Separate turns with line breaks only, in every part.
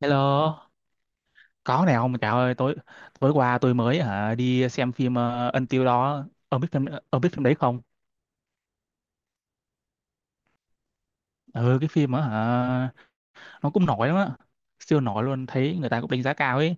Hello, có này ông Chào ơi, tối tối qua tôi mới đi xem phim Until đó. Ông biết phim đấy không? Ừ cái phim á hả nó cũng nổi lắm á. Siêu nổi luôn, thấy người ta cũng đánh giá cao ấy.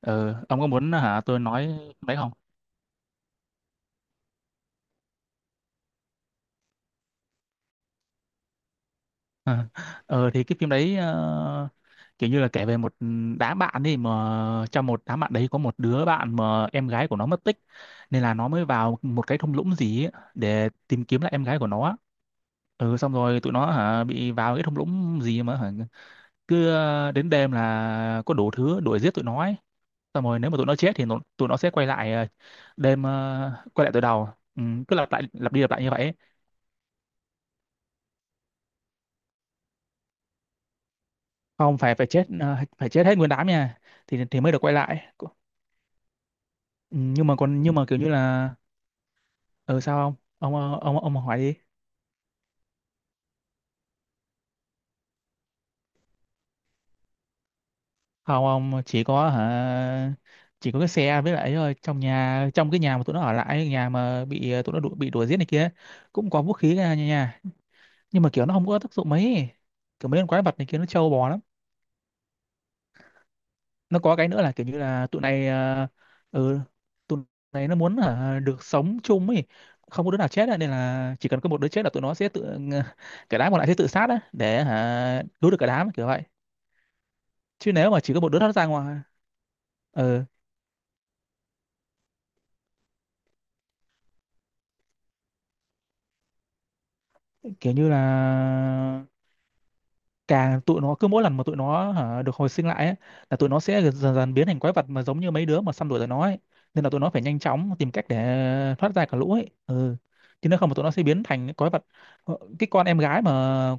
Ừ, ông có muốn tôi nói phim đấy không? Ừ thì cái phim đấy, kiểu như là kể về một đám bạn đi, mà trong một đám bạn đấy có một đứa bạn mà em gái của nó mất tích, nên là nó mới vào một cái thung lũng gì ấy để tìm kiếm lại em gái của nó. Xong rồi tụi nó bị vào cái thung lũng gì mà, cứ đến đêm là có đủ thứ đuổi giết tụi nó ấy. Xong rồi nếu mà tụi nó chết thì tụi nó sẽ quay lại, đêm, quay lại từ đầu, ừ, cứ lặp lại, lặp đi lặp lại như vậy ấy. Không phải phải chết ờ, phải chết hết nguyên đám nha, thì mới được quay lại. Ừ, nhưng mà kiểu như là... ừ Sao không? Ông hỏi đi. Không ông chỉ có, cái xe với lại ấy thôi, trong cái nhà mà tụi nó ở lại, nhà mà bị, bị đuổi giết này kia cũng có vũ khí ra nha nha. Nhưng mà kiểu nó không có tác dụng mấy, kiểu mấy con quái vật này kia nó trâu bò lắm. Nó có cái nữa là kiểu như là ừ tụi này nó muốn, được sống chung ấy, không có đứa nào chết á, nên là chỉ cần có một đứa chết là tụi nó sẽ tự cả đám còn lại sẽ tự sát á để, cứu được cả đám kiểu vậy. Chứ nếu mà chỉ có một đứa thoát ra ngoài, ừ, kiểu như là càng tụi nó, cứ mỗi lần mà tụi nó, được hồi sinh lại ấy, là tụi nó sẽ dần dần biến thành quái vật mà giống như mấy đứa mà săn đuổi tụi nó ấy. Nên là tụi nó phải nhanh chóng tìm cách để thoát ra cả lũ ấy. Ừ. Chứ nếu không mà tụi nó sẽ biến thành những quái vật. Cái con em gái mà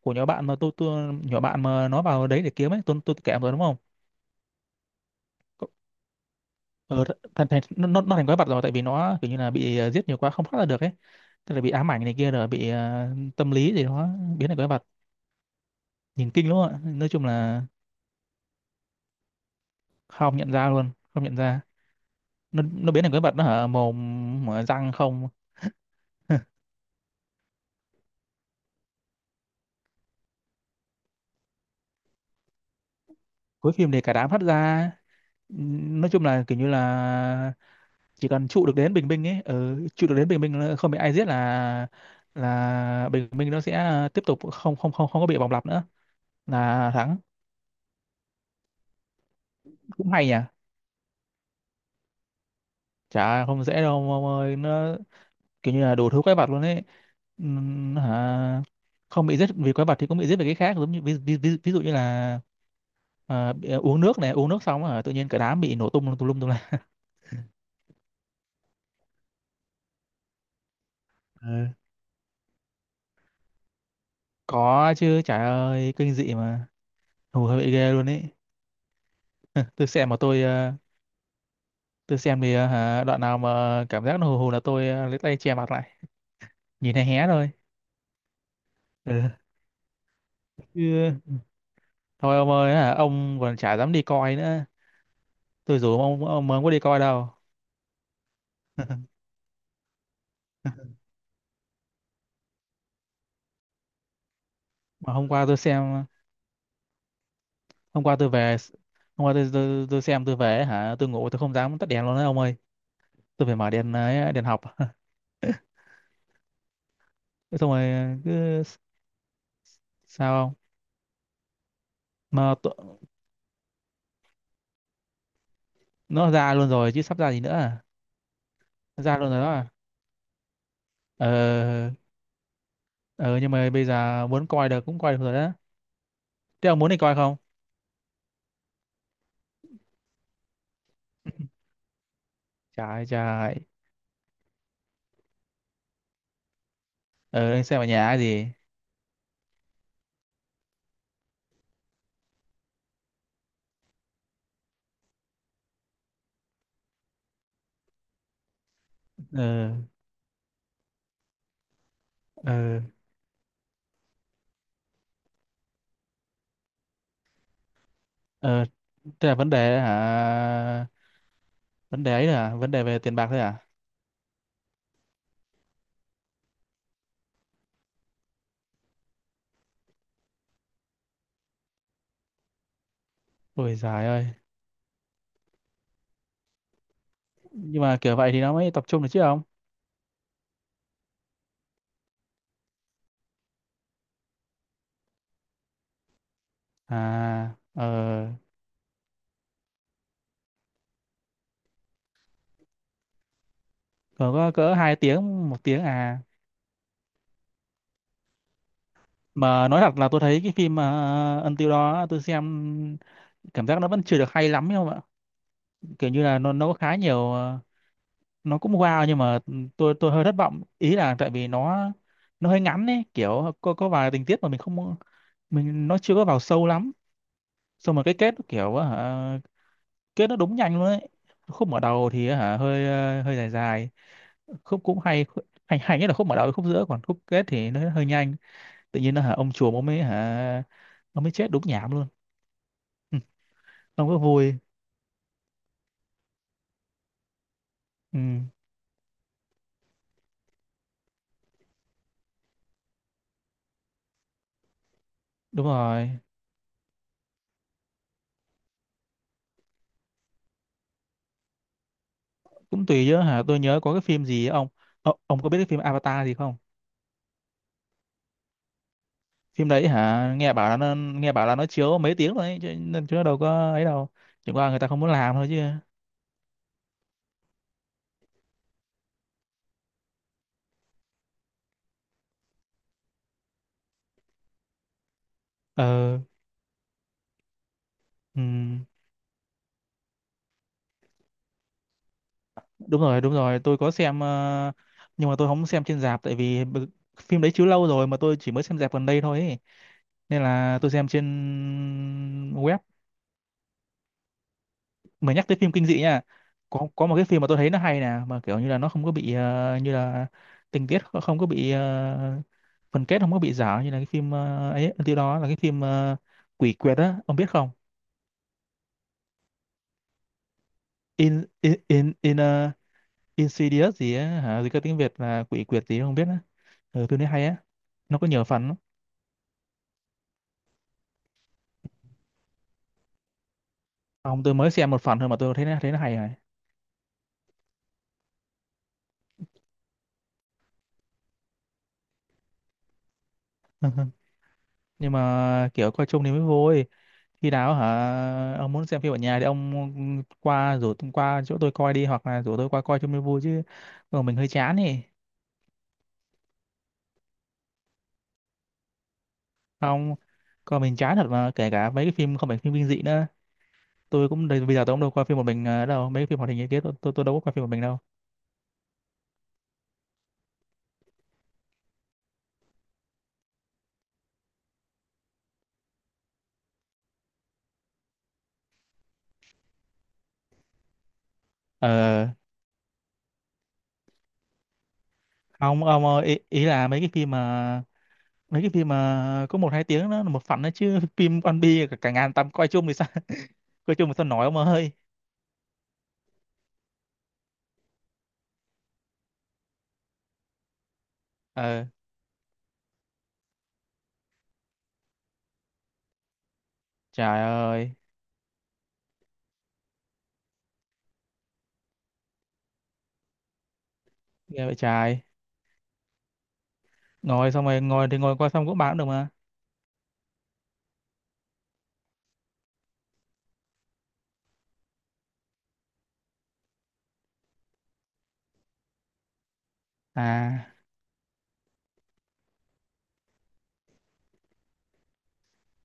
của nhỏ bạn mà tôi, nhỏ bạn mà nó vào đấy để kiếm ấy, tôi kể em rồi đúng không? Ờ, thành, thành, nó thành quái vật rồi, tại vì nó kiểu như là bị, giết nhiều quá không thoát ra được ấy. Tức là bị ám ảnh này kia rồi bị, tâm lý gì đó biến thành quái vật. Nhìn kinh lắm ạ. Nói chung là không nhận ra luôn, không nhận ra. Nó biến thành quái vật, nó hở mồm mở răng không. Cuối phim thì cả đám hất ra, nói chung là kiểu như là chỉ cần trụ được đến Bình Minh ấy, trụ được đến Bình Minh là không bị ai giết, là Bình Minh nó sẽ, tiếp tục không không không không có bị bọc lặp nữa, là thắng. Cũng hay nhỉ. Chả không dễ đâu ông ơi, nó kiểu như là đủ thứ quái vật luôn ấy. Hả Không bị giết vì quái vật thì cũng bị giết vì cái khác, giống như ví dụ như là, uống nước xong tự nhiên cả đám bị nổ tung tùm lum tùm la. Có chứ, trời ơi, kinh dị mà. Hù hơi bị ghê luôn ấy. Tôi xem mà tôi ờ, tôi xem thì, đoạn nào mà cảm giác nó hù hù là tôi, lấy tay che mặt lại, nhìn hé hé thôi. Ừ. Chứ thôi ông ơi, ông còn chả dám đi coi nữa. Tôi rủ ông, không có đi coi đâu. Mà hôm qua tôi xem, hôm qua tôi về hôm qua tôi xem tôi về hả, tôi ngủ tôi không dám tắt đèn luôn đấy ông ơi. Tôi phải mở đèn, đèn học. Thế, xong rồi, cứ sao không? Mà tụ- nó ra luôn rồi chứ sắp ra gì nữa à? Nó ra luôn rồi đó à? ờ ờ nhưng mà bây giờ muốn coi được cũng coi được rồi đó. Thế ông muốn đi coi không? Trời trời. Ờ anh xem ở nhà hay gì? ờ ờ ờ Thế là vấn đề, vấn đề ấy là vấn đề về tiền bạc thôi à? Ôi giời ơi. Nhưng mà kiểu vậy thì nó mới tập trung được chứ không. À, còn có cỡ 2 tiếng, 1 tiếng à? Mà nói thật là tôi thấy cái phim Until đó, tôi xem cảm giác nó vẫn chưa được hay lắm ấy không ạ. Kiểu như là nó có khá nhiều, nó cũng wow, nhưng mà, tôi hơi thất vọng ý là tại vì nó hơi ngắn ấy, kiểu có vài tình tiết mà mình không, mình nó chưa có vào sâu lắm. Xong rồi cái kết nó kiểu á hả, kết nó đúng nhanh luôn ấy. Khúc mở đầu thì á hả hơi dài dài, khúc cũng hay. Hay nhất là khúc mở đầu với khúc giữa, còn khúc kết thì nó hơi nhanh. Tự nhiên nó, ông chùa ông mới, ông mới chết đúng nhảm luôn. ừ, ông có vui. ừ, Đúng rồi. Cũng tùy chứ, tôi nhớ có cái phim gì ấy, ông. Ông có biết cái phim Avatar gì không? Phim đấy nghe bảo là, nó chiếu mấy tiếng rồi ấy chứ, nên chứ nó đâu có ấy đâu. Chẳng qua người ta không muốn làm thôi chứ. ờ ừ, đúng rồi đúng rồi, tôi có xem, nhưng mà tôi không xem trên rạp tại vì phim đấy chiếu lâu rồi mà tôi chỉ mới xem rạp gần đây thôi ấy. Nên là tôi xem trên web. Mà nhắc tới phim kinh dị nha, có một cái phim mà tôi thấy nó hay nè, mà kiểu như là nó không có bị, như là tình tiết, không có bị, phần kết không có bị giả, như là cái phim, ấy tiêu đó là cái phim, quỷ quyệt á, ông biết không? in in in in ờ, Insidious gì á hả, gì có tiếng Việt là quỷ quyệt gì không biết á. Ừ, tôi thấy hay á. Nó có nhiều phần lắm. Không, tôi mới xem một phần thôi mà tôi thấy nó hay rồi. Nhưng mà kiểu coi chung thì mới vui, khi nào ông muốn xem phim ở nhà thì ông qua chỗ tôi coi đi, hoặc là rủ tôi qua coi cho mới vui chứ. Còn mình hơi chán thì. Không, còn mình chán thật, mà kể cả mấy cái phim không phải phim kinh dị nữa, tôi cũng bây giờ tôi cũng đâu coi phim một mình, đâu mấy cái phim hoạt hình như thế tôi đâu có coi phim một mình đâu. ờ Không ông ơi, ý là mấy cái phim mà, mấy cái phim mà có 1-2 tiếng nó là một phần đó chứ. Phim One Piece cả ngàn tập coi chung thì sao? Coi chung thì sao nói ông ơi? ờ Trời ơi. Ghê vậy trời. Ngồi xong rồi ngồi coi xong cũng bán được mà. À,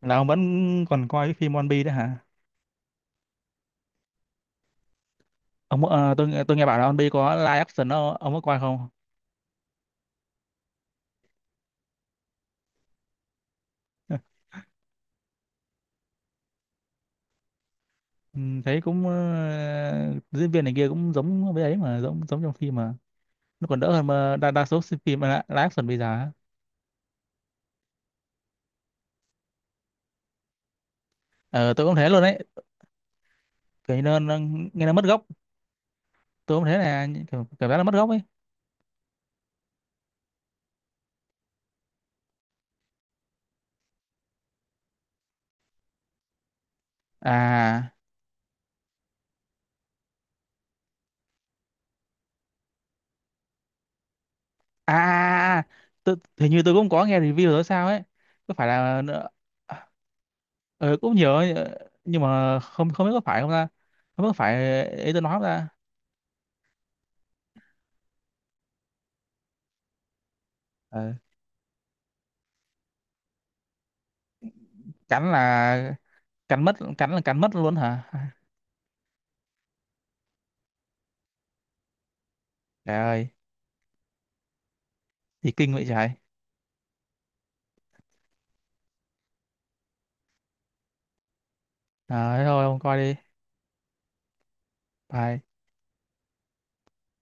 là ông vẫn còn coi cái phim One Piece đấy hả? Tôi nghe bảo là One Piece có live action đó, ông có coi không? Ừ, thấy cũng, diễn viên này kia cũng giống với ấy mà giống giống trong phim mà. Nó còn đỡ hơn mà đa số phim live live action bây giờ á. Ờ, tôi cũng thế luôn đấy. Kiểu như nó nghe nó mất gốc. Tôi cũng thế, là kiểu, cảm giác nó mất gốc ấy. À, à, à, à, hình như tôi cũng có nghe review rồi sao ấy. Có phải là, ừ, cũng nhiều ấy, nhưng mà không không biết có phải không ta? Không biết có phải ý tôi nói không ta? Ừ. cắn là Cắn là cắn mất luôn hả? Trời ơi. Thì kinh vậy trời. À, thôi không coi đi. Bye.